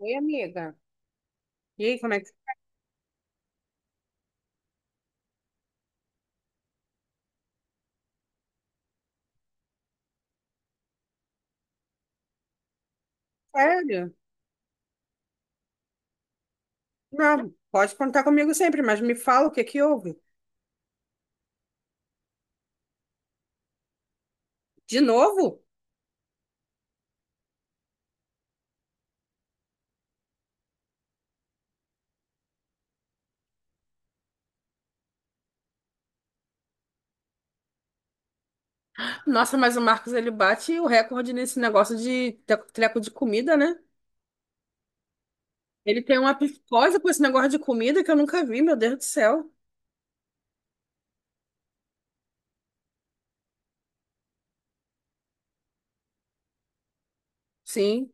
Oi, amiga. E aí, como é que... Sério? Não, pode contar comigo sempre, mas me fala o que que houve. De novo? Nossa, mas o Marcos, ele bate o recorde nesse negócio de treco de comida, né? Ele tem uma psicose com esse negócio de comida que eu nunca vi, meu Deus do céu. Sim.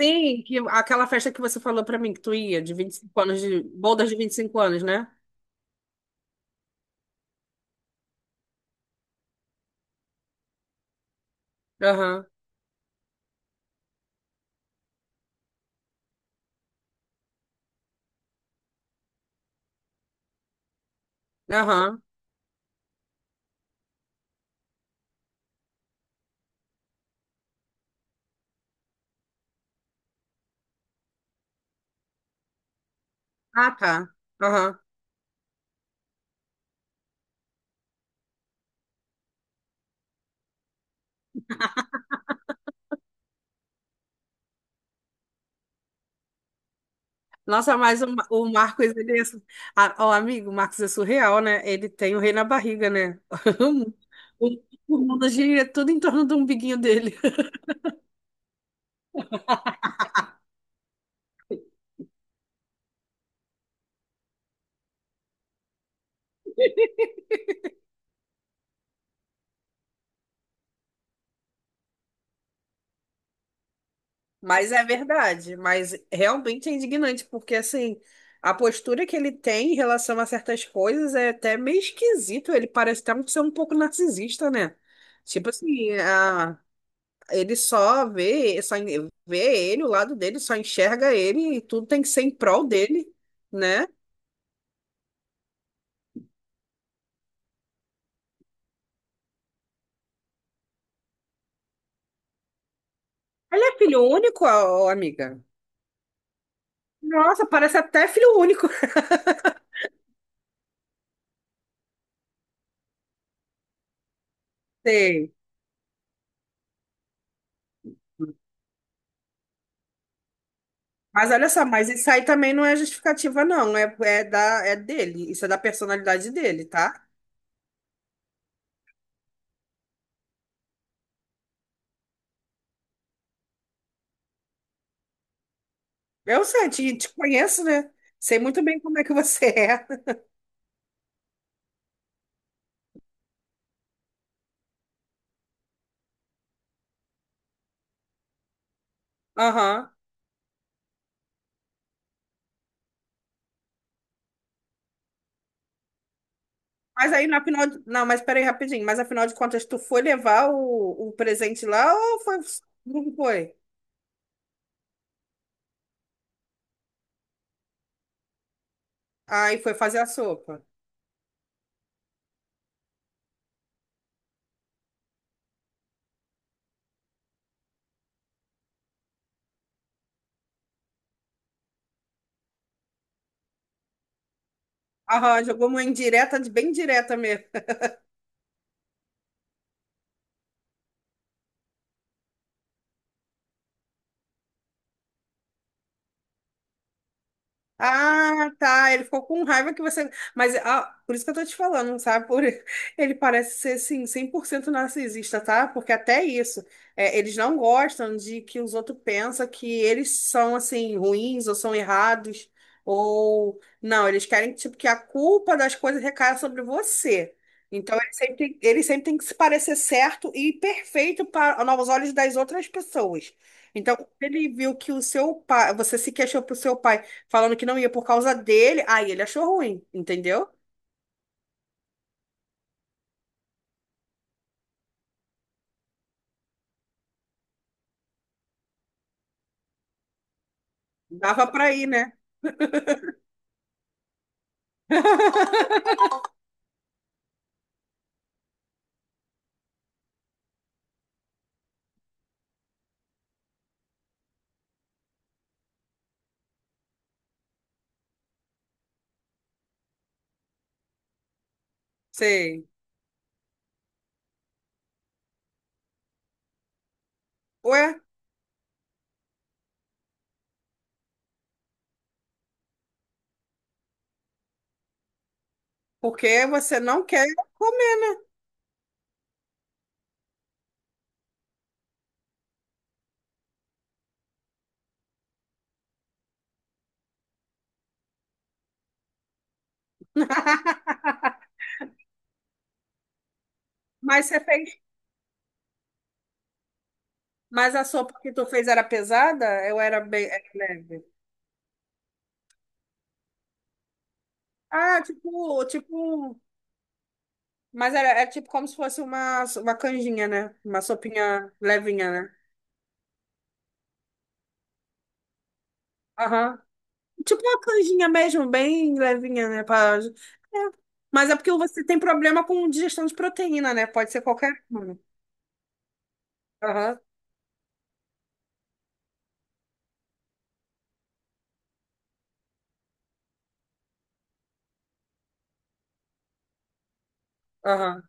Sim, que, aquela festa que você falou pra mim que tu ia, de 25 anos, de bodas de 25 anos, né? Aham, aham. Ah, tá. Aham. Nossa, mas o Marcos, ele é, su- a- o amigo, o Marcos é surreal, né? Ele tem o rei na barriga, né? O, o mundo gira tudo em torno do umbiguinho dele. Mas é verdade, mas realmente é indignante, porque assim, a postura que ele tem em relação a certas coisas é até meio esquisito, ele parece até ser um pouco narcisista, né? Tipo assim, ele só vê, vê ele, o lado dele, só enxerga ele e tudo tem que ser em prol dele, né? Ele é filho único, ó, amiga? Nossa, parece até filho único. Sei. Mas olha só, mas isso aí também não é justificativa, não. É dele. Isso é da personalidade dele, tá? Eu sei, te conheço, né? Sei muito bem como é que você é. Aham. Mas aí, na final. Não, mas peraí, rapidinho. Mas afinal de contas, tu foi levar o presente lá ou foi. Não foi? Aí foi fazer a sopa. Aham, jogou uma indireta, bem direta mesmo. Ah, tá. Ele ficou com raiva que você. Mas ah, por isso que eu tô te falando, sabe? Ele parece ser, assim, 100% narcisista, tá? Porque até isso, eles não gostam de que os outros pensam que eles são, assim, ruins ou são errados. Ou. Não, eles querem, tipo, que a culpa das coisas recaia sobre você. Então, ele sempre tem que se parecer certo e perfeito para aos olhos das outras pessoas. Então, quando ele viu que o seu pai, você se queixou para o seu pai falando que não ia por causa dele, aí ele achou ruim, entendeu? Dava pra ir, né? Sei. Ué, porque você não quer comer. Mas você fez. Mas a sopa que tu fez era pesada? Eu era bem era leve. Ah, tipo. Mas era tipo como se fosse uma canjinha, né? Uma sopinha levinha, né? Aham. Tipo uma canjinha mesmo, bem levinha, né? É. Mas é porque você tem problema com digestão de proteína, né? Pode ser qualquer uma, Aham, aham,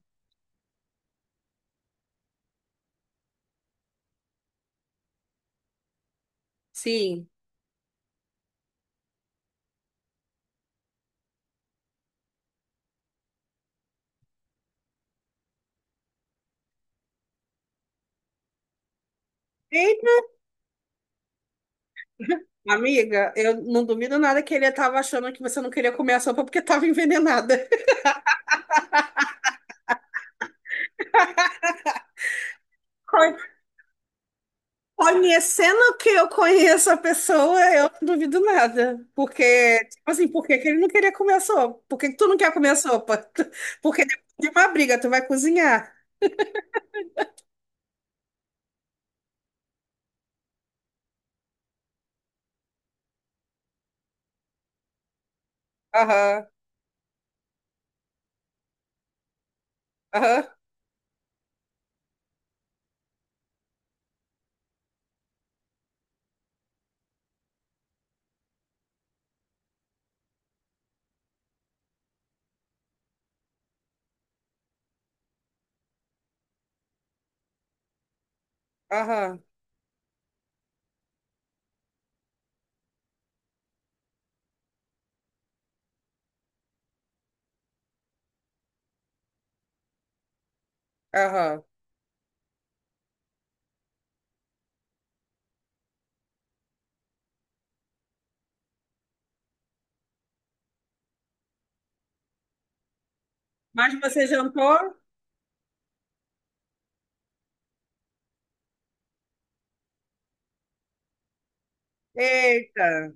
sim. Eita, amiga, eu não duvido nada que ele estava achando que você não queria comer a sopa porque estava envenenada. co- Conhecendo que eu conheço a pessoa, eu não duvido nada. Porque, tipo assim, por que que ele não queria comer a sopa? Por que que tu não quer comer a sopa? Porque depois de uma briga, tu vai cozinhar. Aham, aham, aham, aham. Mas você jantou? Eita.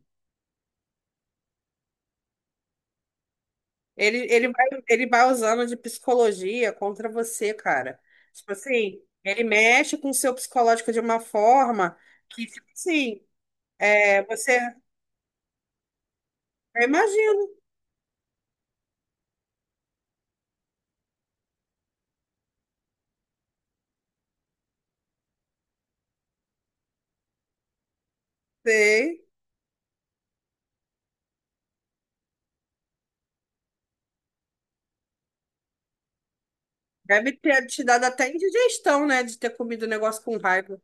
Ele vai usando de psicologia contra você, cara. Tipo assim, ele mexe com o seu psicológico de uma forma que, tipo assim, você. Eu imagino, sei. Deve ter te dado até indigestão, né? De ter comido o negócio com raiva.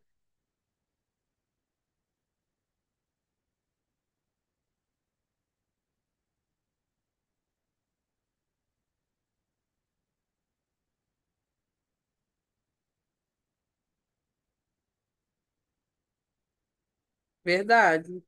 Verdade.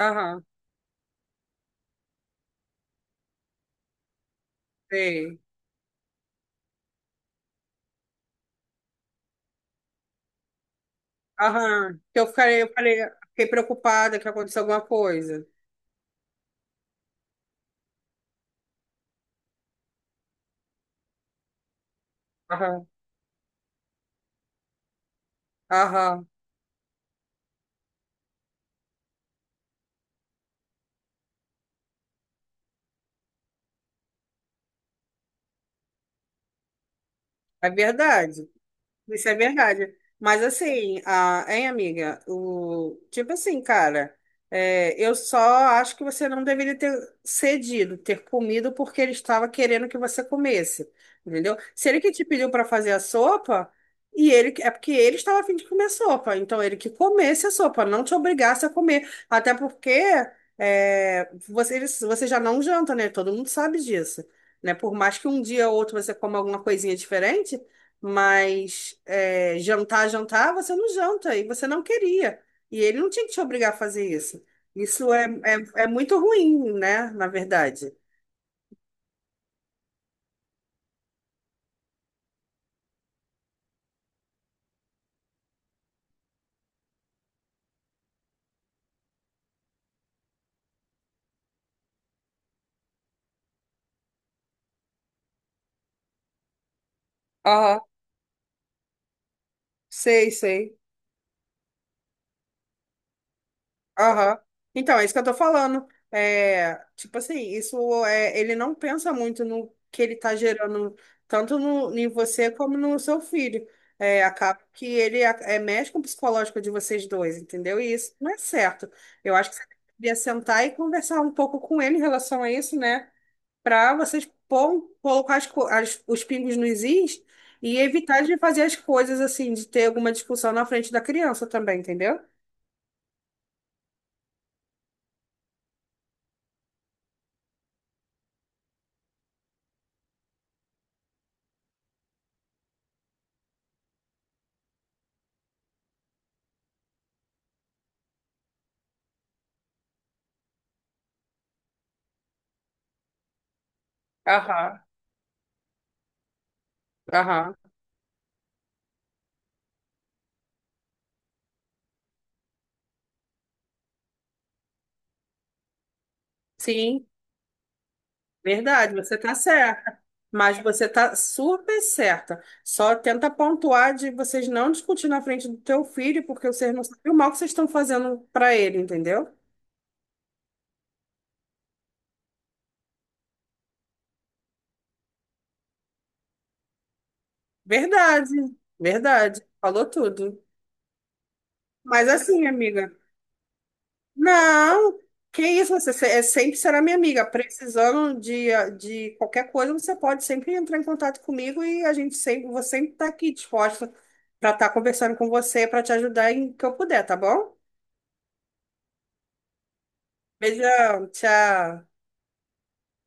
Aham, sei. Aham. Que Eu fiquei, eu falei, fiquei preocupada que aconteceu alguma coisa. Aham, aham. É verdade. Isso é verdade. Mas assim, hein, amiga? O, tipo assim, cara, eu só acho que você não deveria ter cedido, ter comido porque ele estava querendo que você comesse, entendeu? Se ele que te pediu para fazer a sopa, e ele porque ele estava a fim de comer a sopa, então ele que comesse a sopa, não te obrigasse a comer. Até porque você já não janta, né? Todo mundo sabe disso. Né? Por mais que um dia ou outro você coma alguma coisinha diferente. Mas jantar, jantar, você não janta e você não queria. E ele não tinha que te obrigar a fazer isso. Isso é, muito ruim, né? Na verdade. Aham, sei, sei. Aham. Então, é isso que eu tô falando. É, tipo assim, isso é, ele não pensa muito no que ele tá gerando, tanto em você como no seu filho. É, acaba que ele mexe com o psicológico de vocês dois, entendeu? E isso não é certo. Eu acho que você devia sentar e conversar um pouco com ele em relação a isso, né? Para vocês colocar os pingos nos is e evitar de fazer as coisas assim, de ter alguma discussão na frente da criança também, entendeu? Aham, aham. Sim, verdade, você está certa, mas você está super certa. Só tenta pontuar de vocês não discutir na frente do teu filho, porque vocês não sabem o mal que vocês estão fazendo para ele, entendeu? Verdade, verdade, falou tudo. Mas assim, amiga, não, que isso, você se- é, sempre será minha amiga. Precisando de qualquer coisa, você pode sempre entrar em contato comigo e vou sempre estar aqui disposta para estar conversando com você, para te ajudar em que eu puder, tá bom? Beijão, tchau.